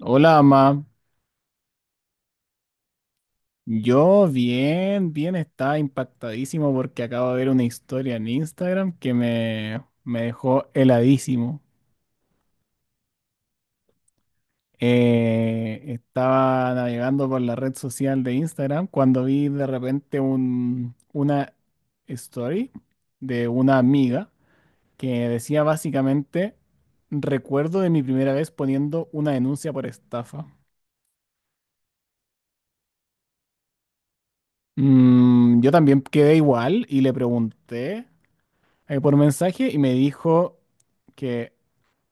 Hola, mamá. Yo bien, bien, estaba impactadísimo porque acabo de ver una historia en Instagram que me dejó heladísimo. Estaba navegando por la red social de Instagram cuando vi de repente una story de una amiga que decía básicamente, recuerdo de mi primera vez poniendo una denuncia por estafa. Yo también quedé igual y le pregunté. Por mensaje y me dijo que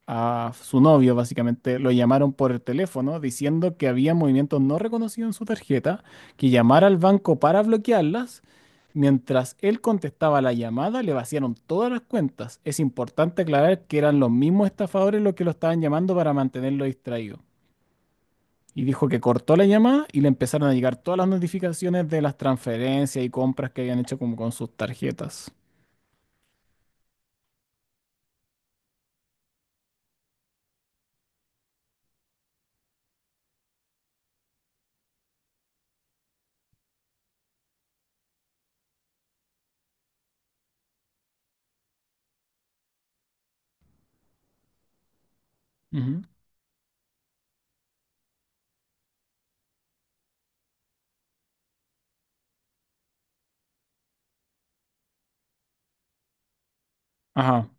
a su novio básicamente lo llamaron por el teléfono diciendo que había movimientos no reconocidos en su tarjeta, que llamara al banco para bloquearlas. Mientras él contestaba la llamada, le vaciaron todas las cuentas. Es importante aclarar que eran los mismos estafadores los que lo estaban llamando para mantenerlo distraído. Y dijo que cortó la llamada y le empezaron a llegar todas las notificaciones de las transferencias y compras que habían hecho como con sus tarjetas. Ujú. Ajá,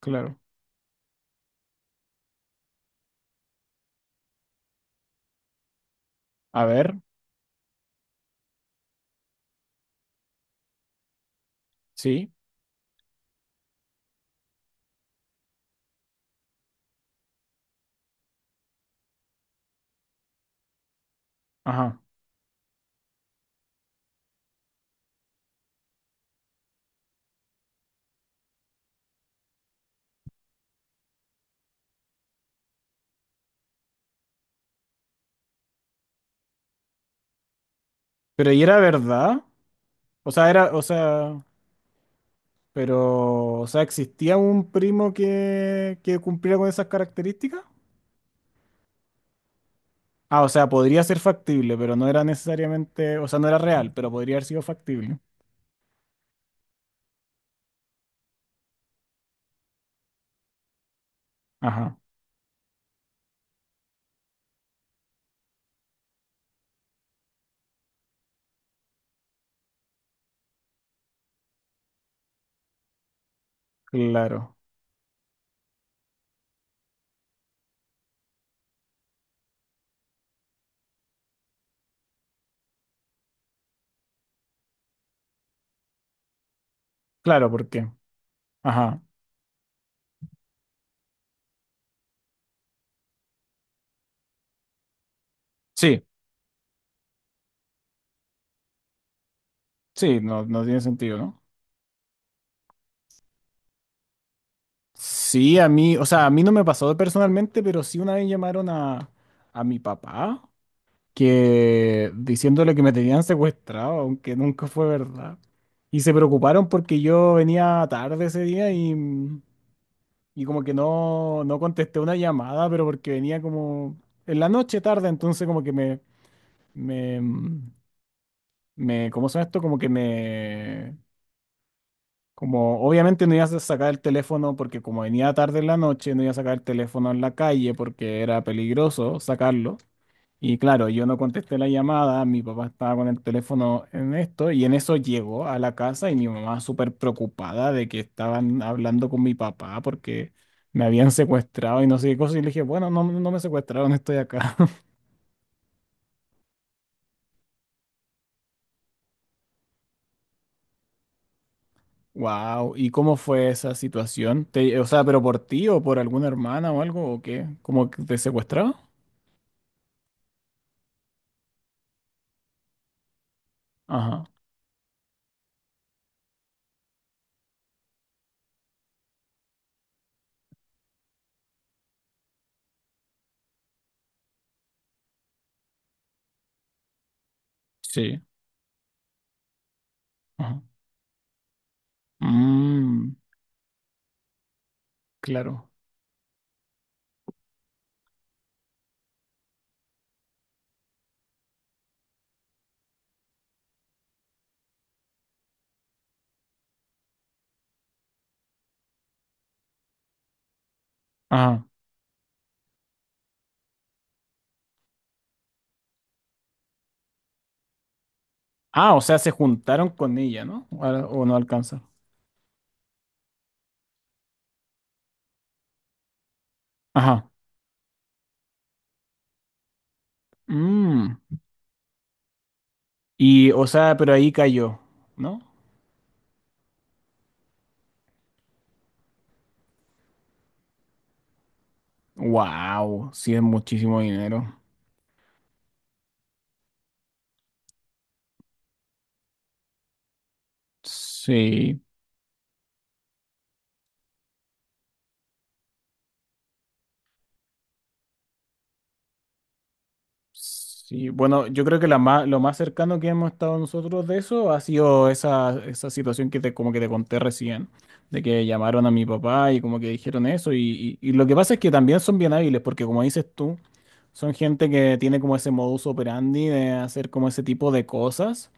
claro. A ver, sí, ajá. Pero ¿y era verdad? O sea, era, o sea, pero, o sea, ¿existía un primo que cumpliera con esas características? Ah, o sea, podría ser factible, pero no era necesariamente, o sea, no era real, pero podría haber sido factible. Ajá, claro. Claro, ¿por qué? Ajá. Sí, sí, no, no tiene sentido, ¿no? Sí, a mí, o sea, a mí no me pasó personalmente, pero sí una vez llamaron a mi papá que diciéndole que me tenían secuestrado, aunque nunca fue verdad. Y se preocuparon porque yo venía tarde ese día y como que no, no contesté una llamada, pero porque venía como en la noche tarde, entonces como que me, ¿cómo se llama esto? Como que me, como obviamente no iba a sacar el teléfono porque como venía tarde en la noche, no iba a sacar el teléfono en la calle porque era peligroso sacarlo. Y claro, yo no contesté la llamada, mi papá estaba con el teléfono en esto y en eso llegó a la casa y mi mamá súper preocupada de que estaban hablando con mi papá porque me habían secuestrado y no sé qué cosa y le dije, bueno, no, no me secuestraron, estoy acá. Wow, ¿y cómo fue esa situación? Te- o sea, ¿pero por ti o por alguna hermana o algo o qué? ¿Cómo que te secuestraron? Ajá, sí, ajá. Mm, claro. Ajá. Ah, o sea, se juntaron con ella, ¿no? O no alcanza. Ajá. Mm. Y, o sea, pero ahí cayó, ¿no? Wow, sí es muchísimo dinero. Sí, sí. Bueno, yo creo que la ma- lo más cercano que hemos estado nosotros de eso ha sido esa, esa situación que te, como que te conté recién, de que llamaron a mi papá y como que dijeron eso. Y lo que pasa es que también son bien hábiles, porque como dices tú, son gente que tiene como ese modus operandi de hacer como ese tipo de cosas.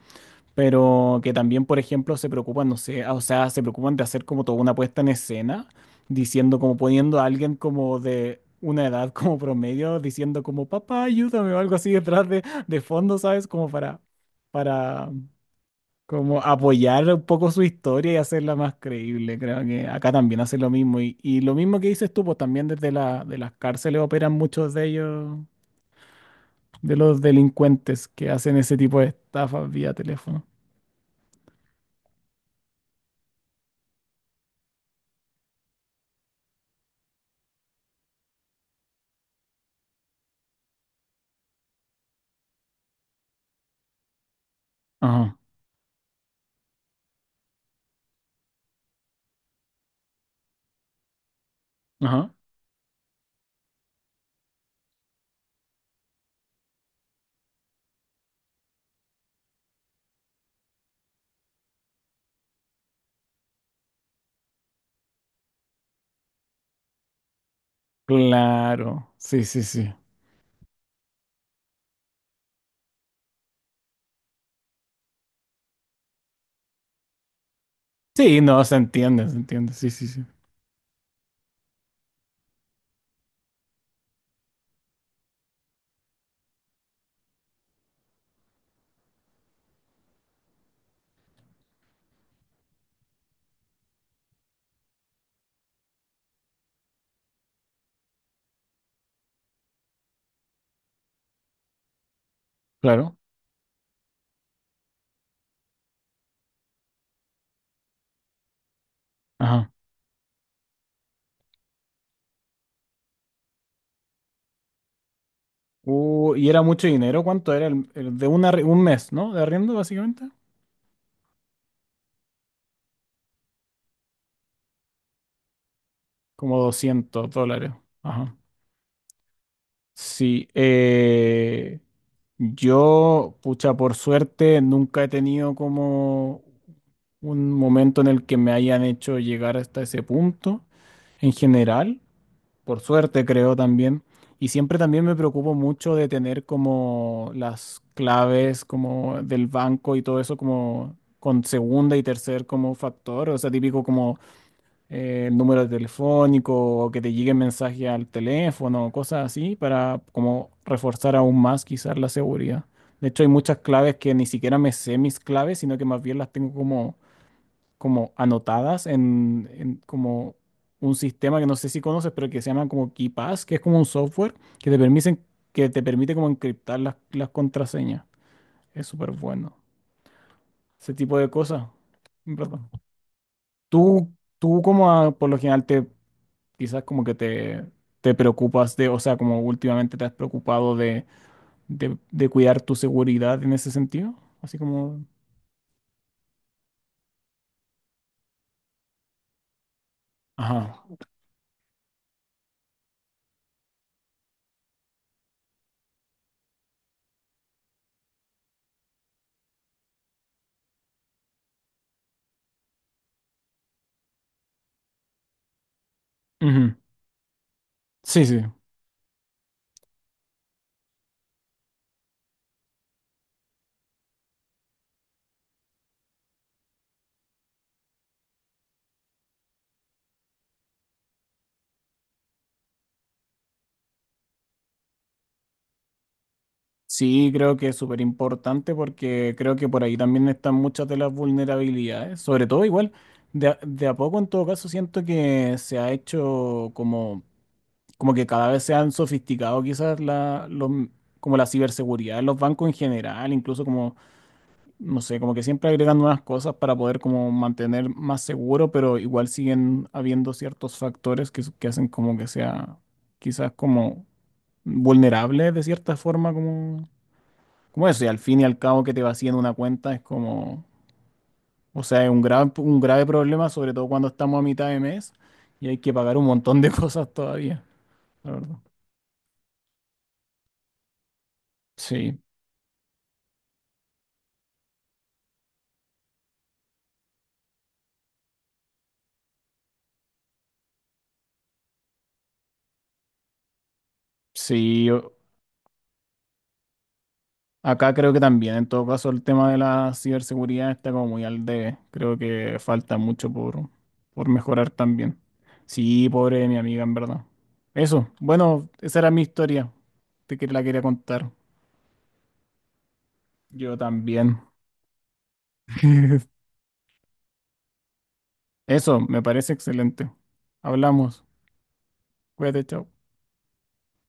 Pero que también, por ejemplo, se preocupan, no sé, ah, o sea, se preocupan de hacer como toda una puesta en escena, diciendo como poniendo a alguien como de una edad como promedio, diciendo como, papá, ayúdame o algo así detrás de fondo, ¿sabes? Como para como apoyar un poco su historia y hacerla más creíble. Creo que acá también hacen lo mismo. Y lo mismo que dices tú, pues también desde la, de las cárceles operan muchos de ellos, de los delincuentes que hacen ese tipo de estafas vía teléfono. Ajá, ajá. Claro, sí, sí, sí. Sí, no, se entiende, sí, sí, sí. Claro, ajá. Y era mucho dinero, ¿cuánto era? El de una, arri- un mes, ¿no? De arriendo, básicamente. Como 200 dólares. Ajá. Sí, yo, pucha, por suerte, nunca he tenido como un momento en el que me hayan hecho llegar hasta ese punto en general. Por suerte creo también. Y siempre también me preocupo mucho de tener como las claves como del banco y todo eso como con segunda y tercer como factor, o sea, típico como el número telefónico o que te llegue mensaje al teléfono, cosas así, para como reforzar aún más quizás la seguridad. De hecho, hay muchas claves que ni siquiera me sé mis claves, sino que más bien las tengo como como anotadas en como un sistema que no sé si conoces, pero que se llama como KeePass, que es como un software que te permiten, que te permite como encriptar las contraseñas. Es súper bueno. Ese tipo de cosas. En verdad. Tú, tú como a- por lo general te, quizás como que te preocupas de, o sea, como últimamente te has preocupado de cuidar tu seguridad en ese sentido. Así como... Ajá. Ujú. Sí, sí. Sí, creo que es súper importante porque creo que por ahí también están muchas de las vulnerabilidades, sobre todo igual, de a poco en todo caso siento que se ha hecho como, como que cada vez se han sofisticado quizás la, los m- como la ciberseguridad de los bancos en general, incluso como, no sé, como que siempre agregan nuevas cosas para poder como mantener más seguro, pero igual siguen habiendo ciertos factores que, s- que hacen como que sea quizás como vulnerable de cierta forma como... Como eso, y al fin y al cabo que te vacíen una cuenta es como, o sea, es un grave problema, sobre todo cuando estamos a mitad de mes y hay que pagar un montón de cosas todavía, la verdad. Sí, sí, yo- acá creo que también, en todo caso, el tema de la ciberseguridad está como muy al debe. Creo que falta mucho por mejorar también. Sí, pobre de mi amiga, en verdad. Eso, bueno, esa era mi historia, te que la quería contar. Yo también. Eso, me parece excelente. Hablamos. Cuídate, chao.